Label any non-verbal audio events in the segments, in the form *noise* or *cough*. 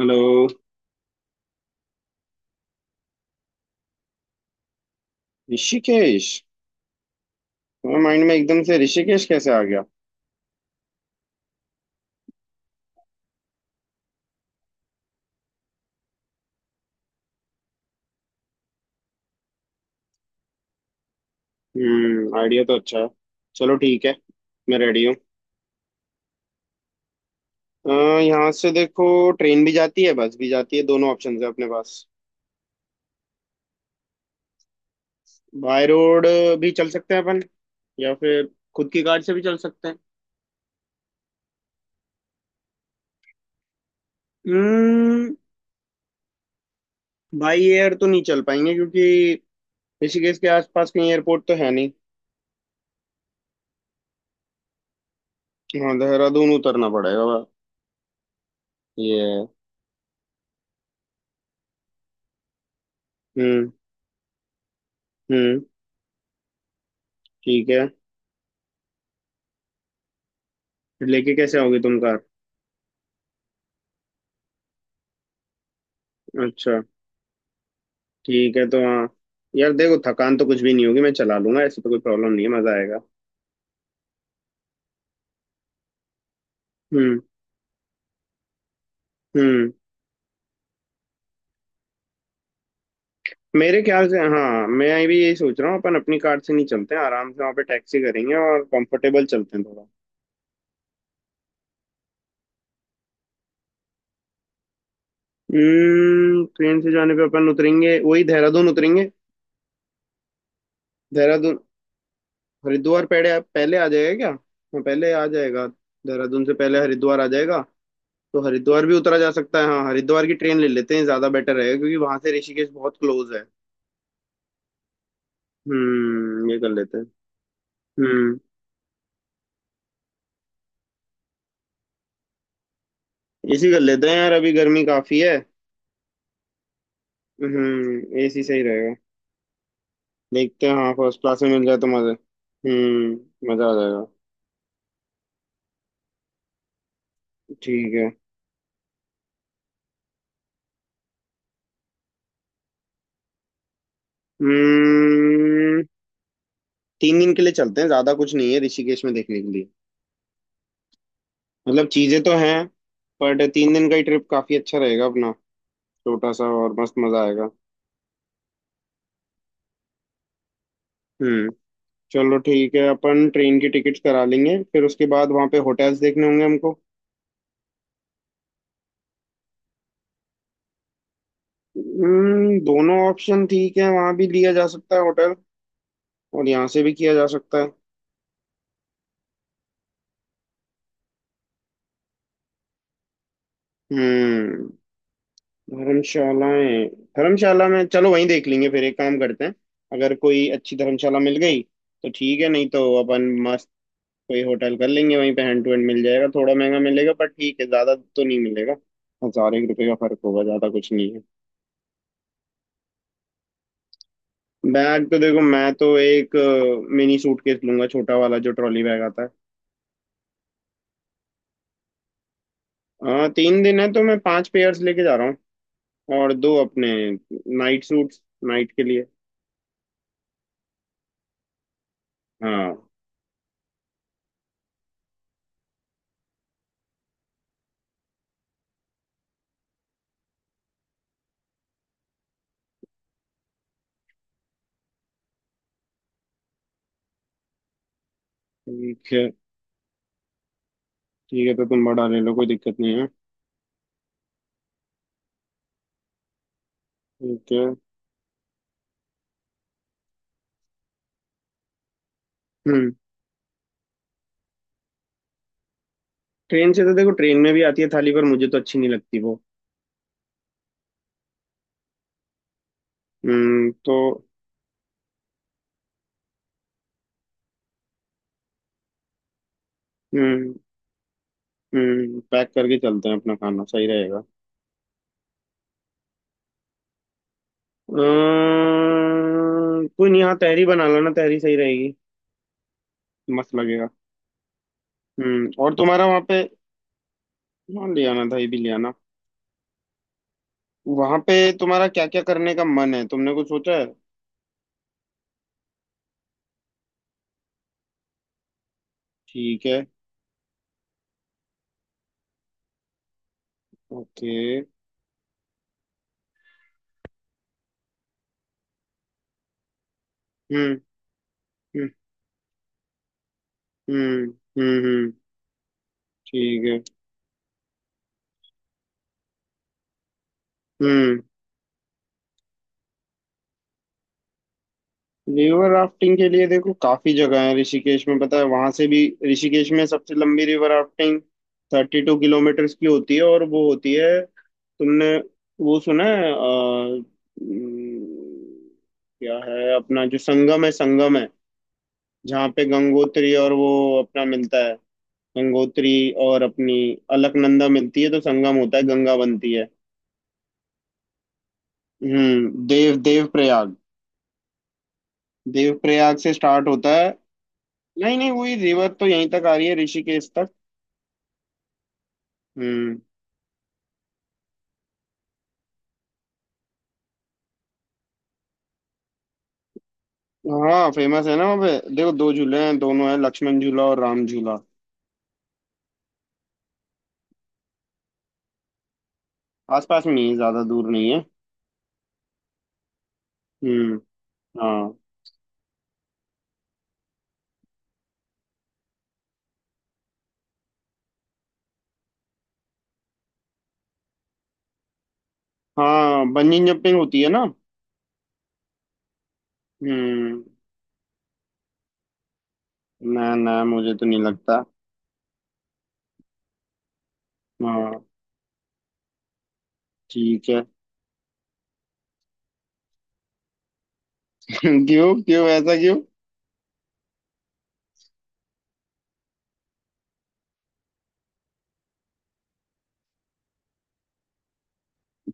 Hello. Rishikesh? तुम्हारे mind में एकदम से ऋषिकेश कैसे आ गया? हम्म, आइडिया तो अच्छा है। चलो, ठीक है। मैं रेडी हूँ। अ, यहाँ से देखो। ट्रेन भी जाती है, बस भी जाती है, दोनों ऑप्शन है अपने पास। बाय रोड भी चल सकते हैं अपन, या फिर खुद की कार से भी चल सकते हैं। हम्म, बाई एयर तो नहीं चल पाएंगे क्योंकि ऋषिकेश के आसपास कहीं एयरपोर्ट तो है नहीं। हाँ, देहरादून उतरना पड़ेगा। वह, ये। हम्म। हम्म, ठीक है। लेके कैसे आओगे तुम कार? अच्छा, ठीक है तो हाँ। यार देखो, थकान तो कुछ भी नहीं होगी, मैं चला लूंगा, ऐसी तो कोई प्रॉब्लम नहीं है, मजा आएगा। हम्म। हम्म, मेरे ख्याल से हाँ, मैं भी यही सोच रहा हूँ, अपन अपनी कार से नहीं चलते हैं, आराम से वहाँ पे टैक्सी करेंगे और कंफर्टेबल चलते हैं थोड़ा। हम्म, ट्रेन से जाने पे अपन उतरेंगे वही, देहरादून उतरेंगे। देहरादून। हरिद्वार पहले पहले आ जाएगा क्या? हाँ, पहले आ जाएगा। देहरादून से पहले हरिद्वार आ जाएगा। तो हरिद्वार भी उतरा जा सकता है। हाँ, हरिद्वार की ट्रेन ले लेते हैं, ज्यादा बेटर रहेगा क्योंकि वहां से ऋषिकेश बहुत क्लोज है। हम्म, ये कर लेते हैं। हम्म, एसी कर लेते हैं यार, अभी गर्मी काफी है। हम्म, एसी सही रहेगा। देखते हैं, हाँ फर्स्ट क्लास में मिल जाए तो मजे। हम्म, मजा आ जाएगा। ठीक है। हम्म, 3 दिन के लिए चलते हैं, ज्यादा कुछ नहीं है ऋषिकेश में देखने के लिए। मतलब चीजें तो हैं, बट 3 दिन का ही ट्रिप काफी अच्छा रहेगा अपना। छोटा सा, और मस्त मजा आएगा। हम्म। चलो ठीक है, अपन ट्रेन की टिकट करा लेंगे, फिर उसके बाद वहाँ पे होटल्स देखने होंगे हमको। हम्म, दोनों ऑप्शन ठीक है, वहाँ भी लिया जा सकता है होटल और यहाँ से भी किया जा सकता है। हम्म। धर्मशालाएं। धर्मशाला में चलो, वहीं देख लेंगे फिर, एक काम करते हैं, अगर कोई अच्छी धर्मशाला मिल गई तो ठीक है, नहीं तो अपन मस्त कोई होटल कर लेंगे वहीं पे, हैंड टू हैंड मिल जाएगा, थोड़ा महंगा मिलेगा पर ठीक है, ज्यादा तो नहीं मिलेगा, हजार एक रुपये का फर्क होगा, ज्यादा कुछ नहीं है। बैग तो देखो, मैं तो एक मिनी सूटकेस लूंगा, छोटा वाला जो ट्रॉली बैग आता है। हाँ, 3 दिन है तो मैं पांच पेयर्स लेके जा रहा हूँ, और दो अपने नाइट सूट्स, नाइट के लिए। हाँ, ठीक है। ठीक है तो तुम बड़ा ले लो, कोई दिक्कत नहीं है। ठीक है। हम्म, ट्रेन से तो देखो, ट्रेन में भी आती है थाली, पर मुझे तो अच्छी नहीं लगती वो। हम्म, तो। हम्म। हम्म, पैक करके चलते हैं अपना खाना, सही रहेगा। कोई नहीं, हाँ तहरी बना लो ना, तहरी सही रहेगी। मस्त लगेगा। हम्म, और तुम्हारा वहाँ पे। हाँ, ले आना, दही भी ले आना। वहाँ पे तुम्हारा क्या क्या करने का मन है, तुमने कुछ सोचा है? ठीक है। ओके। हम्म। हम्म। हम्म। हम्म। ठीक है। हम्म, रिवर राफ्टिंग के लिए देखो काफी जगह है ऋषिकेश में, पता है वहां से भी ऋषिकेश में सबसे लंबी रिवर राफ्टिंग 32 किलोमीटर की होती है, और वो होती है तुमने वो सुना है उम, क्या है अपना, जो संगम है, संगम है, जहाँ पे गंगोत्री और वो अपना मिलता है, गंगोत्री और अपनी अलकनंदा मिलती है तो संगम होता है, गंगा बनती है। हम्म, देव देव प्रयाग। देव प्रयाग से स्टार्ट होता है। नहीं नहीं, वही रिवर तो यहीं तक आ रही है ऋषिकेश तक। हम्म। हाँ, फेमस है ना, वहाँ पे देखो दो झूले हैं, दोनों हैं, लक्ष्मण झूला और राम झूला। आसपास में ही है, ज्यादा दूर नहीं है। हम्म। हाँ हाँ, बंजी जंपिंग होती है ना। हम्म। ना ना, मुझे तो नहीं लगता। हाँ, ठीक है। *laughs* क्यों? क्यों? ऐसा क्यों?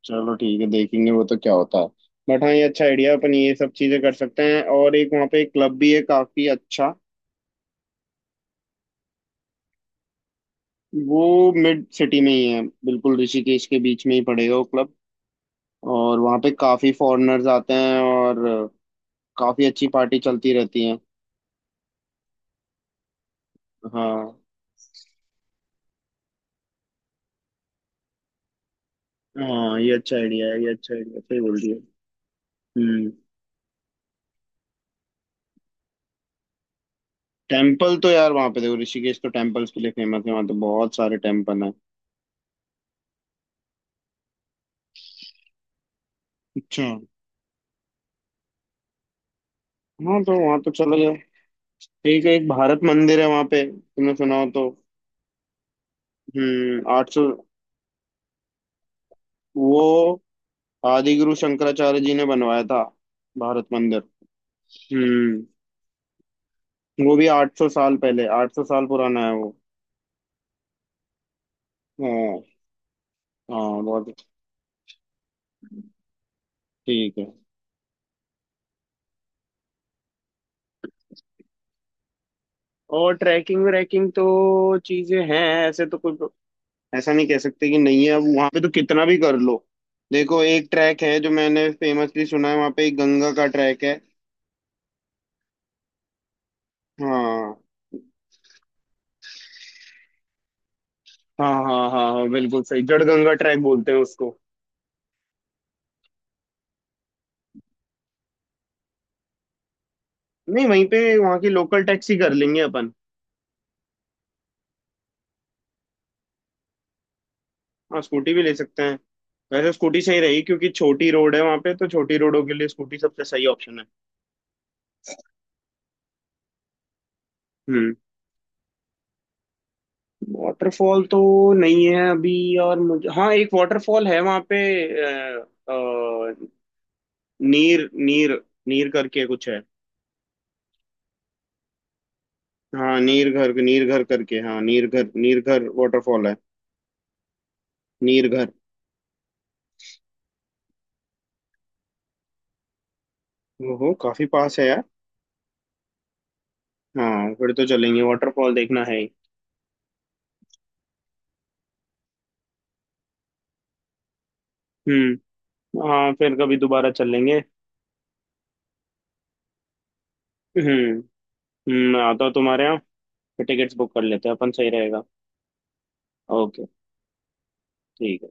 चलो ठीक है, देखेंगे वो तो क्या होता है। बट हाँ, ये अच्छा आइडिया, अपन ये सब चीजें कर सकते हैं, और एक वहाँ पे एक क्लब भी है काफी अच्छा। वो मिड सिटी में ही है, बिल्कुल ऋषिकेश के बीच में ही पड़ेगा वो क्लब। और वहाँ पे काफी फॉरेनर्स आते हैं, और काफी अच्छी पार्टी चलती रहती है। हाँ हाँ, ये अच्छा आइडिया है, ये अच्छा आइडिया, सही बोल रही है। हम्म। टेम्पल तो यार वहाँ पे देखो, ऋषिकेश तो टेम्पल्स के लिए फेमस है, वहाँ तो बहुत सारे टेम्पल हैं। अच्छा, हाँ, तो वहाँ तो चला जाए। ठीक है, एक भारत मंदिर है वहाँ पे, तुमने सुना हो तो। हम्म, 800। वो आदिगुरु शंकराचार्य जी ने बनवाया था, भारत मंदिर। हम्म। वो भी 800 साल पहले, 800 साल पुराना है वो। हाँ हाँ, बहुत। ठीक है। और ट्रैकिंग व्रैकिंग तो चीजें हैं, ऐसे तो कोई, ऐसा नहीं कह सकते कि नहीं है, अब वहां पे तो कितना भी कर लो। देखो, एक ट्रैक है जो मैंने फेमसली सुना है, वहां पे एक गंगा का ट्रैक है। हाँ हाँ हाँ हाँ हाँ, बिल्कुल सही, जड़ गंगा ट्रैक बोलते हैं उसको। नहीं, वहीं पे वहाँ की लोकल टैक्सी कर लेंगे अपन। हाँ, स्कूटी भी ले सकते हैं। वैसे स्कूटी सही रही, क्योंकि छोटी रोड है वहाँ पे, तो छोटी रोडों के लिए स्कूटी सबसे सही ऑप्शन है। हम्म। वाटरफॉल तो नहीं है अभी, और मुझे, हाँ एक वाटरफॉल है वहाँ पे, अ, अ, नीर नीर नीर करके कुछ है। हाँ, नीर घर, नीर घर करके, हाँ नीर घर वाटरफॉल है। नीर घर। ओहो, काफी पास है यार। हाँ, फिर तो चलेंगे, वाटरफॉल देखना है ही। हम्म। हाँ, फिर कभी दोबारा चलेंगे। हम्म। मैं आता हूँ तुम्हारे यहाँ, फिर टिकट्स बुक कर लेते हैं अपन, सही रहेगा। ओके। ठीक है।